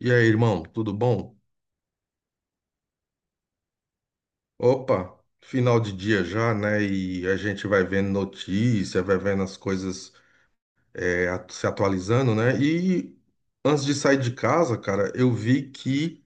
E aí, irmão, tudo bom? Opa, final de dia já, né? E a gente vai vendo notícia, vai vendo as coisas se atualizando, né? E antes de sair de casa, cara, eu vi que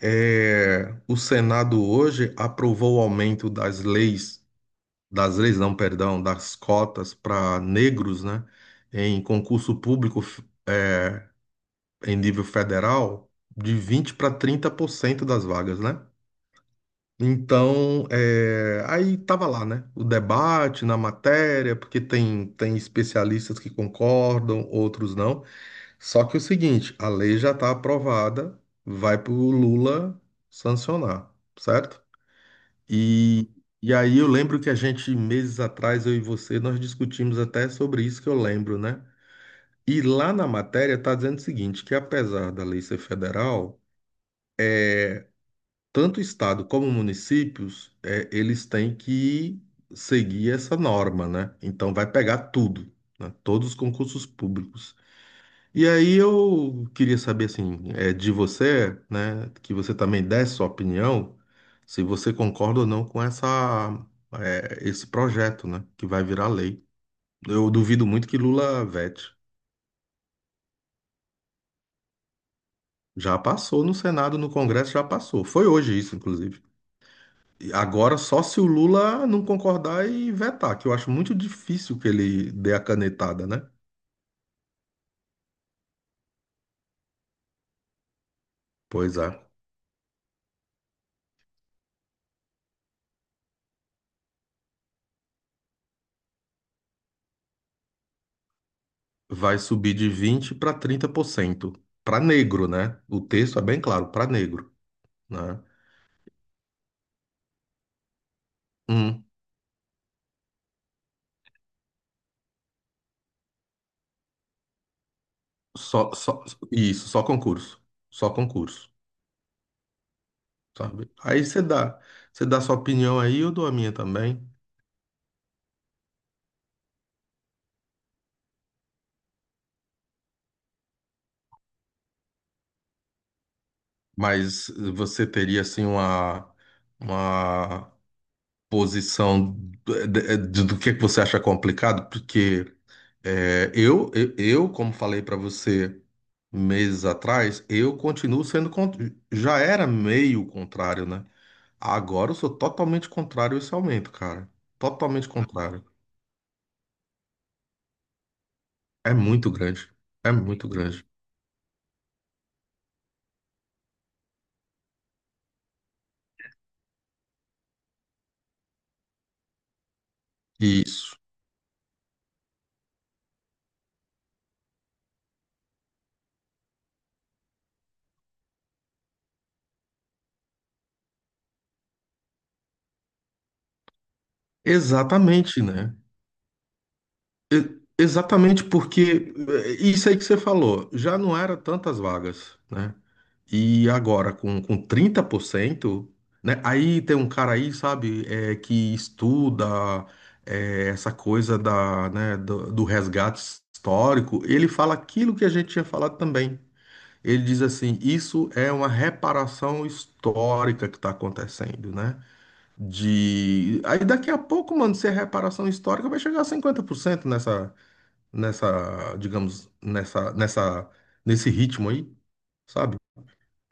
o Senado hoje aprovou o aumento das leis não, perdão, das cotas para negros, né? Em concurso público f- Em nível federal, de 20 para 30% das vagas, né? Então, aí tava lá, né? O debate na matéria, porque tem especialistas que concordam, outros não. Só que é o seguinte, a lei já está aprovada, vai para o Lula sancionar, certo? E, e aí eu lembro que a gente, meses atrás, eu e você, nós discutimos até sobre isso que eu lembro, né? E lá na matéria está dizendo o seguinte, que apesar da lei ser federal tanto o estado como municípios, eles têm que seguir essa norma, né? Então vai pegar tudo, né? Todos os concursos públicos. E aí eu queria saber assim, de você, né? Que você também desse sua opinião, se você concorda ou não com esse projeto, né? Que vai virar lei. Eu duvido muito que Lula vete. Já passou no Senado, no Congresso já passou. Foi hoje isso, inclusive. Agora, só se o Lula não concordar e vetar, que eu acho muito difícil que ele dê a canetada, né? Pois é. Vai subir de 20 para trinta por cento. Para negro, né? O texto é bem claro, para negro, né? Hum, só, só, isso, só concurso. Só concurso, sabe? Você dá sua opinião aí, eu dou a minha também. Mas você teria, assim, uma posição do que é que você acha complicado, porque eu, como falei para você meses atrás, eu continuo sendo, con- já era meio contrário, né? Agora eu sou totalmente contrário a esse aumento, cara. Totalmente contrário. É muito grande. É muito grande. Isso. Exatamente, né? Exatamente porque isso aí que você falou, já não era tantas vagas, né? E agora com 30%, né? Aí tem um cara aí, sabe, que estuda essa coisa da, né, do resgate histórico, ele fala aquilo que a gente tinha falado também. Ele diz assim, isso é uma reparação histórica que está acontecendo, né? De... Aí daqui a pouco, mano, se é reparação histórica, vai chegar a 50% digamos, nesse ritmo aí, sabe?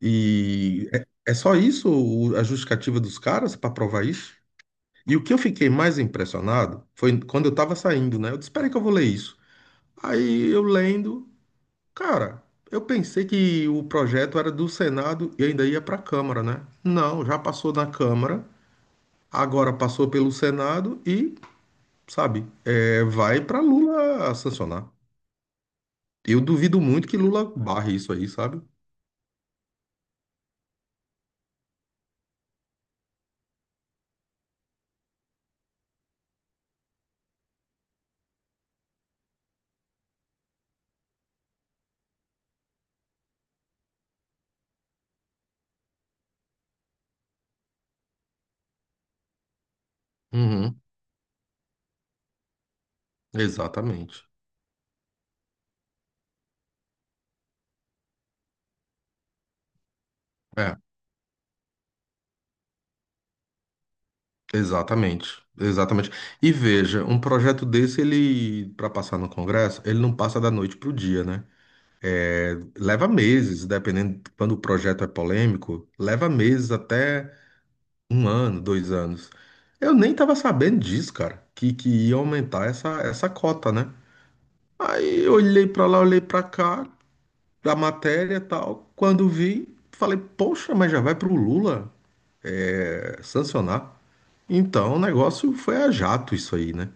E é só isso a justificativa dos caras para provar isso? E o que eu fiquei mais impressionado foi quando eu tava saindo, né? Eu disse, espera aí que eu vou ler isso. Aí eu lendo, cara, eu pensei que o projeto era do Senado e ainda ia para a Câmara, né? Não, já passou na Câmara, agora passou pelo Senado e, sabe, vai para Lula sancionar. Eu duvido muito que Lula barre isso aí, sabe? Uhum. Exatamente. É, exatamente. Exatamente. E veja, um projeto desse, ele, para passar no Congresso, ele não passa da noite pro dia, né? Leva meses, dependendo de quando o projeto é polêmico, leva meses até um ano, dois anos. Eu nem tava sabendo disso, cara, que ia aumentar essa cota, né? Aí eu olhei pra lá, olhei pra cá, da matéria e tal. Quando vi, falei, poxa, mas já vai pro Lula? Sancionar. Então, o negócio foi a jato isso aí, né?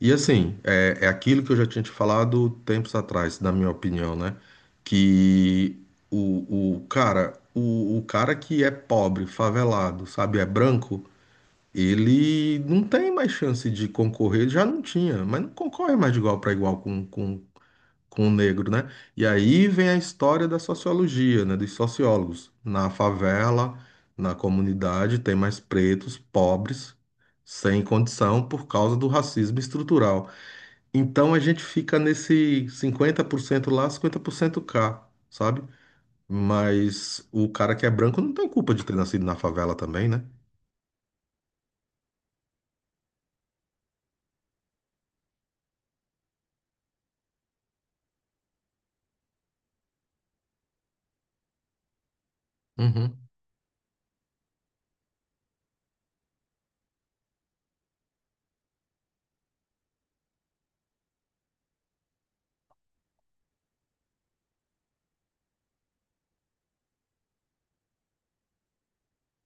E assim, é aquilo que eu já tinha te falado tempos atrás, na minha opinião, né? Que o cara, o cara que é pobre, favelado, sabe, é branco, ele não tem mais chance de concorrer, ele já não tinha, mas não concorre mais de igual para igual com o negro, né? E aí vem a história da sociologia, né? Dos sociólogos. Na favela, na comunidade, tem mais pretos, pobres, sem condição por causa do racismo estrutural. Então a gente fica nesse 50% lá, 50% cá, sabe? Mas o cara que é branco não tem culpa de ter nascido na favela também, né? Uhum,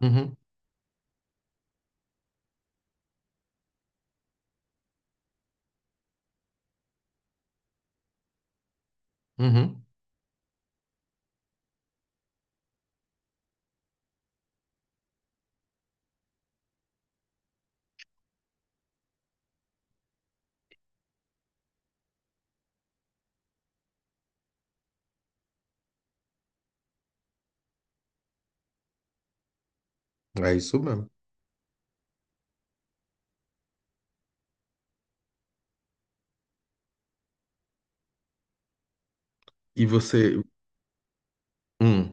uhum, uhum. É isso mesmo. E você, hum,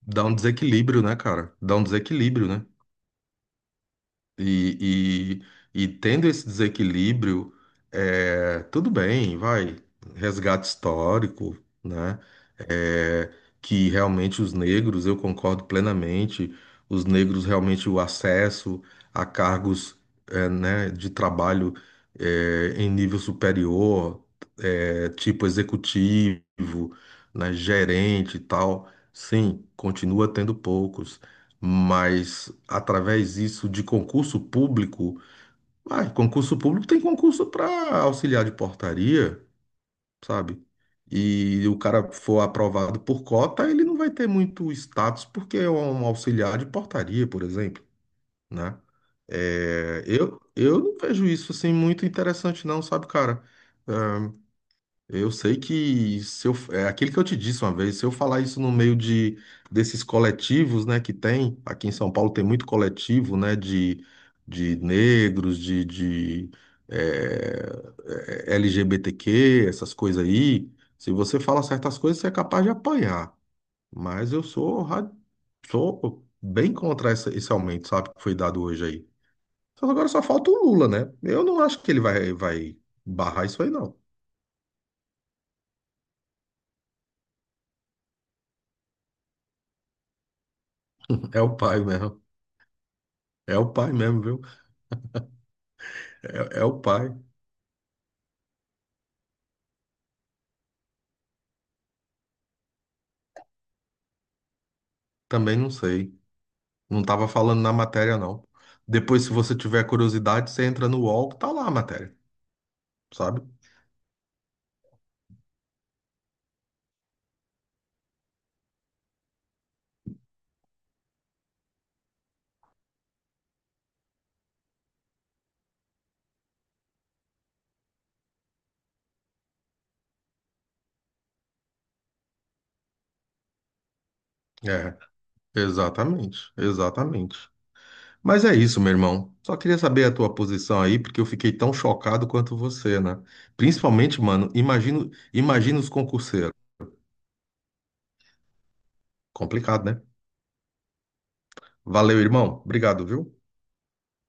dá um desequilíbrio, né, cara? Dá um desequilíbrio, né? E, e tendo esse desequilíbrio, tudo bem, vai, resgate histórico, né? É, que realmente os negros, eu concordo plenamente, os negros realmente o acesso a cargos, né, de trabalho, em nível superior, tipo executivo, né, gerente e tal, sim, continua tendo poucos mas através disso de concurso público, ah, concurso público tem concurso para auxiliar de portaria, sabe? E o cara for aprovado por cota, ele não vai ter muito status porque é um auxiliar de portaria, por exemplo, né? É, eu não vejo isso assim muito interessante não, sabe, cara? É, eu sei que se eu, é aquilo que eu te disse uma vez, se eu falar isso no meio de desses coletivos, né, que tem, aqui em São Paulo tem muito coletivo, né, de negros, eh, LGBTQ, essas coisas aí. Se você fala certas coisas, você é capaz de apanhar. Mas sou bem contra esse aumento, sabe, que foi dado hoje aí. Só que agora só falta o Lula, né? Eu não acho que ele vai barrar isso aí, não. É o pai mesmo. É o pai mesmo, viu? É, é o pai. Também não sei. Não tava falando na matéria, não. Depois, se você tiver curiosidade, você entra no UOL, que tá lá a matéria, sabe? É, exatamente, exatamente. Mas é isso, meu irmão. Só queria saber a tua posição aí, porque eu fiquei tão chocado quanto você, né? Principalmente, mano, imagino, imagino os concurseiros. Complicado, né? Valeu, irmão. Obrigado, viu?